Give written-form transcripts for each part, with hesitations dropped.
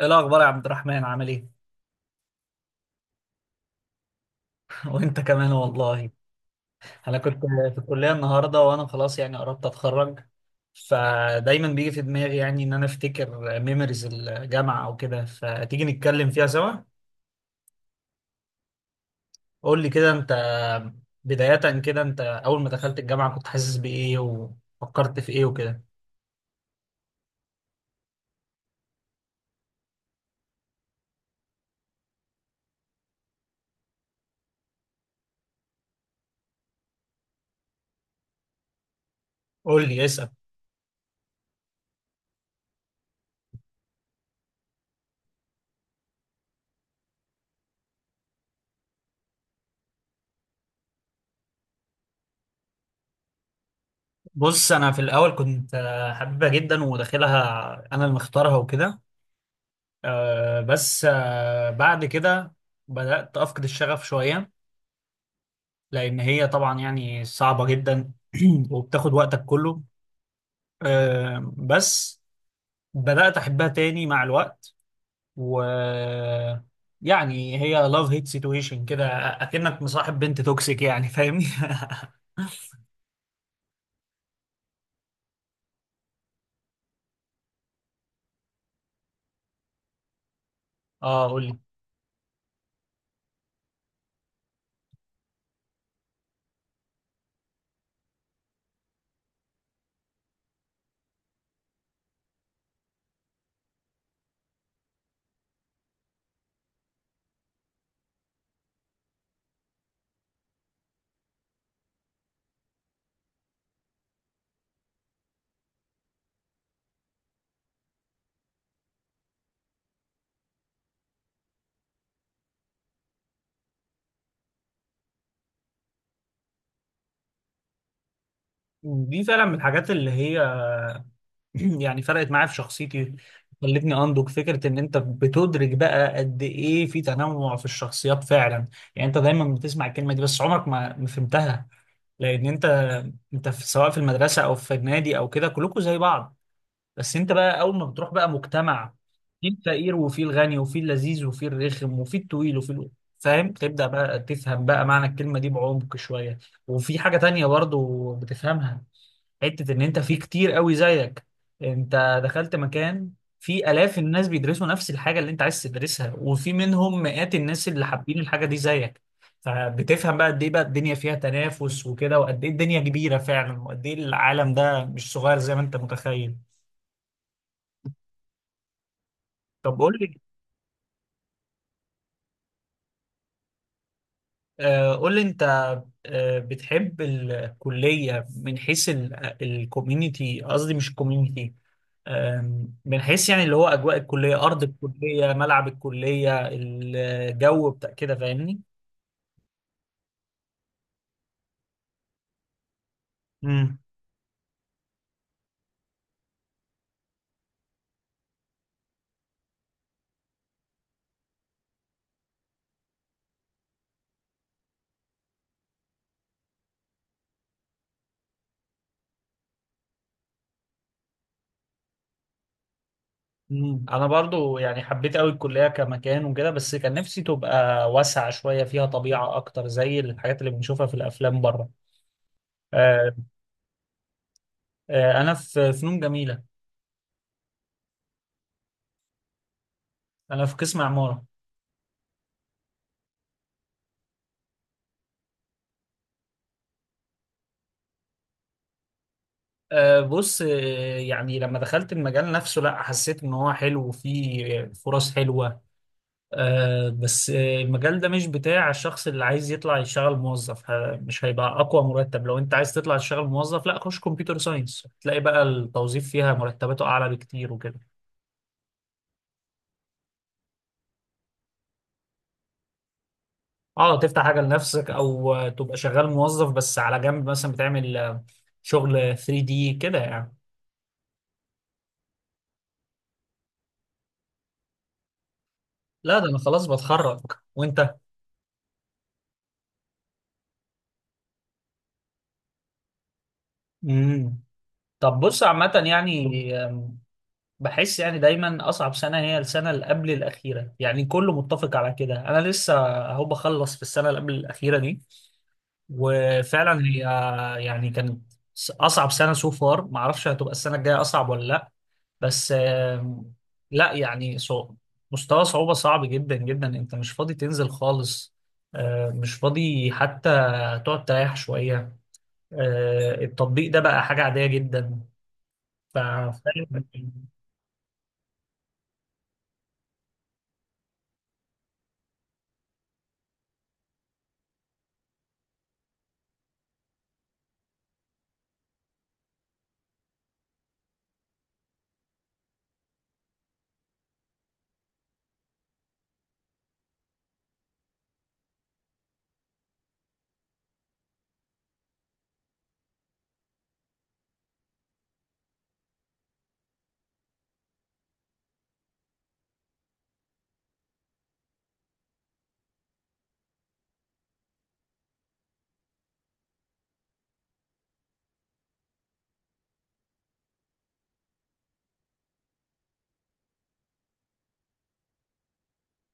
ايه الاخبار يا عبد الرحمن عامل ايه؟ وانت كمان والله. انا كنت في الكليه النهارده وانا خلاص يعني قربت اتخرج، فدايما بيجي في دماغي يعني ان انا افتكر ميموريز الجامعه او كده فتيجي نتكلم فيها سوا. قول لي كده انت، بدايه كده انت اول ما دخلت الجامعه كنت حاسس بايه وفكرت في ايه وكده. قول لي اسال. بص انا في الاول كنت حبيبها جدا وداخلها، انا اللي مختارها وكده. آه، بس آه، بعد كده بدأت أفقد الشغف شوية، لان هي طبعا يعني صعبة جدا. وبتاخد وقتك كله. آه، بس بدأت احبها تاني مع الوقت. و يعني هي لاف هيت سيتويشن كده، اكنك مصاحب بنت توكسيك يعني فاهمني. اه قول لي. دي فعلا من الحاجات اللي هي يعني فرقت معايا في شخصيتي، خلتني انضج. فكره ان انت بتدرك بقى قد ايه في تنوع في الشخصيات فعلا، يعني انت دايما بتسمع الكلمه دي بس عمرك ما فهمتها. لان انت، انت في سواء في المدرسه او في النادي او كده كلكم زي بعض، بس انت بقى اول ما بتروح بقى مجتمع، في الفقير وفي الغني وفي اللذيذ وفي الرخم وفي الطويل وفي ال... فاهم، تبدا بقى تفهم بقى معنى الكلمه دي بعمق شويه. وفي حاجه تانية برضو بتفهمها، حتة ان انت في كتير قوي زيك، انت دخلت مكان في الاف الناس بيدرسوا نفس الحاجة اللي انت عايز تدرسها، وفي منهم مئات الناس اللي حابين الحاجة دي زيك. فبتفهم بقى قد ايه بقى الدنيا فيها تنافس وكده، وقد ايه الدنيا كبيرة فعلا، وقد ايه العالم ده مش صغير زي ما انت متخيل. طب قول لي. قول لي انت، آه بتحب الكلية من حيث الكوميونتي، قصدي مش الكوميونتي، من حيث يعني اللي هو اجواء الكليه، ارض الكليه، ملعب الكليه، الجو بتاع كده فاهمني. امم. امم، انا برضو يعني حبيت قوي الكليه كمكان وكده، بس كان نفسي تبقى واسعه شويه، فيها طبيعه اكتر زي الحاجات اللي بنشوفها في الافلام بره. آه، انا في فنون جميله. انا في قسم عماره. آه، بص آه، يعني لما دخلت المجال نفسه لا، حسيت ان هو حلو وفيه فرص حلوه. آه، بس آه، المجال ده مش بتاع الشخص اللي عايز يطلع يشتغل موظف، مش هيبقى اقوى مرتب. لو انت عايز تطلع تشتغل موظف لا، خش كمبيوتر ساينس تلاقي بقى التوظيف فيها مرتباته اعلى بكتير وكده. اه تفتح حاجه لنفسك، او تبقى شغال موظف بس على جنب مثلا بتعمل شغل 3D دي كده يعني. لا، ده انا خلاص بتخرج. وانت؟ امم. طب بص عامه يعني بحس يعني دايما اصعب سنه هي السنه اللي قبل الاخيره، يعني كله متفق على كده. انا لسه اهو بخلص في السنه اللي قبل الاخيره دي، وفعلا هي يعني كانت اصعب سنه سو فار. ما اعرفش هتبقى السنه الجايه اصعب ولا لا، بس لا يعني صعب، مستوى صعوبه صعب جدا جدا. انت مش فاضي تنزل خالص، مش فاضي حتى تقعد تريح شويه. التطبيق ده بقى حاجه عاديه جدا. ف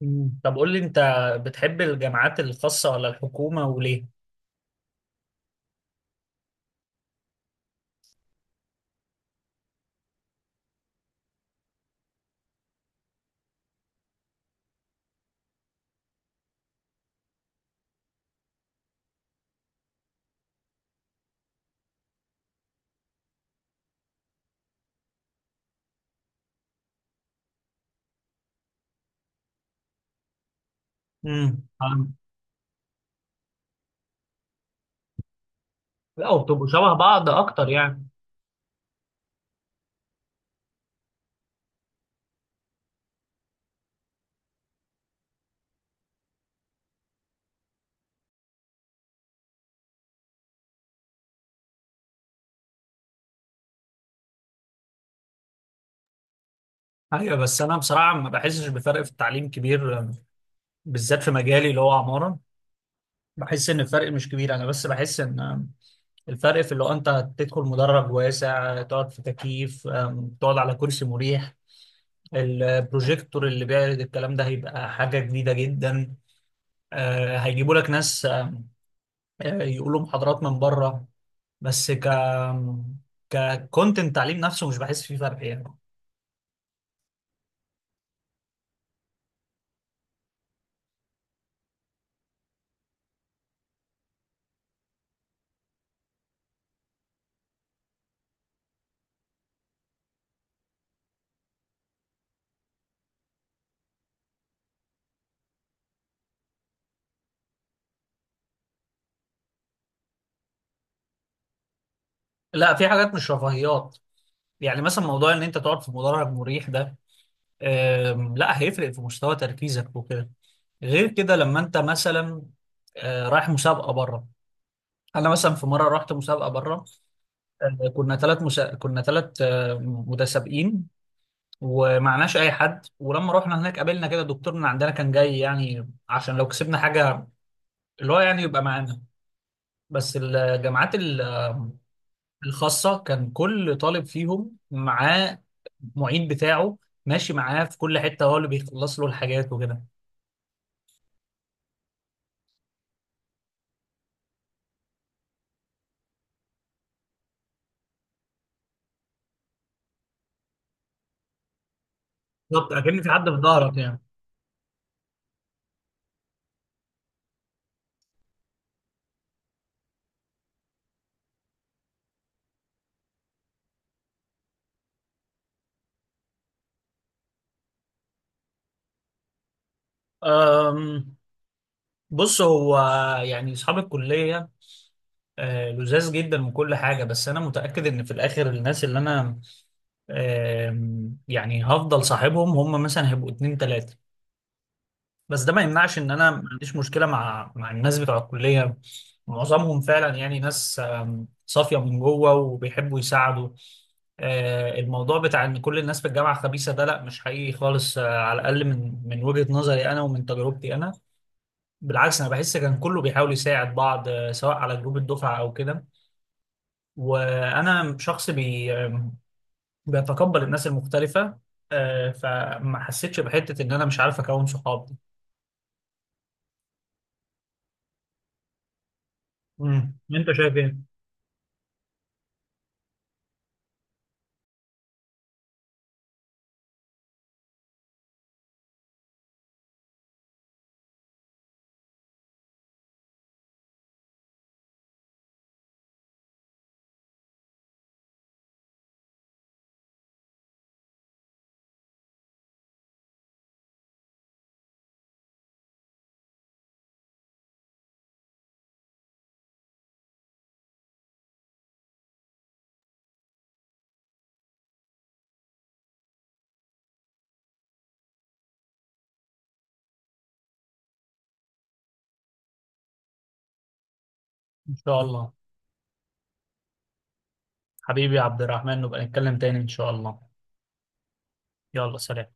مم. طب قول لي انت، بتحب الجامعات الخاصة ولا الحكومة وليه؟ امم. لا وبتبقوا شبه بعض اكتر يعني. ايوه بس انا بصراحة ما بحسش بفرق في التعليم كبير، بالذات في مجالي اللي هو عمارة. بحس ان الفرق مش كبير، انا بس بحس ان الفرق في اللي هو انت تدخل مدرج واسع، تقعد في تكييف، تقعد على كرسي مريح، البروجيكتور اللي بيعرض الكلام ده هيبقى حاجة جديدة جدا. هيجيبوا لك ناس، أم، أه، يقولوا محاضرات من بره. بس ك ككونتنت تعليم نفسه مش بحس فيه فرق يعني. لا، في حاجات مش رفاهيات. يعني مثلا موضوع ان انت تقعد في مدرج مريح ده لا، هيفرق في مستوى تركيزك وكده. غير كده لما انت مثلا رايح مسابقه بره. انا مثلا في مره رحت مسابقه بره، كنا كنا ثلاث متسابقين ومعناش اي حد. ولما رحنا هناك قابلنا كده دكتور من عندنا كان جاي يعني عشان لو كسبنا حاجه اللي هو يعني يبقى معانا. بس الخاصة كان كل طالب فيهم معاه معيد بتاعه، ماشي معاه في كل حتة، هو اللي بيخلص له الحاجات وكده. بالظبط، أكن في حد في ظهرك يعني. أم، بص هو يعني أصحاب الكلية لذاذ جدا من كل حاجة، بس أنا متأكد إن في الآخر الناس اللي أنا يعني هفضل صاحبهم هم مثلا هيبقوا اتنين تلاتة. بس ده ما يمنعش ان انا ما عنديش مشكله مع الناس بتوع الكليه. معظمهم فعلا يعني ناس صافيه من جوه وبيحبوا يساعدوا. الموضوع بتاع ان كل الناس في الجامعه خبيثه ده، لا مش حقيقي خالص، على الاقل من وجهه نظري انا ومن تجربتي انا. بالعكس انا بحس كان كله بيحاول يساعد بعض، سواء على جروب الدفعه او كده. وانا شخص بي آم، بيتقبل الناس المختلفه، فما حسيتش بحته ان انا مش عارف اكون صحاب دي. مم. انت شايف ايه؟ إن شاء الله. حبيبي يا عبد الرحمن، نبقى نتكلم تاني إن شاء الله. يلا سلام.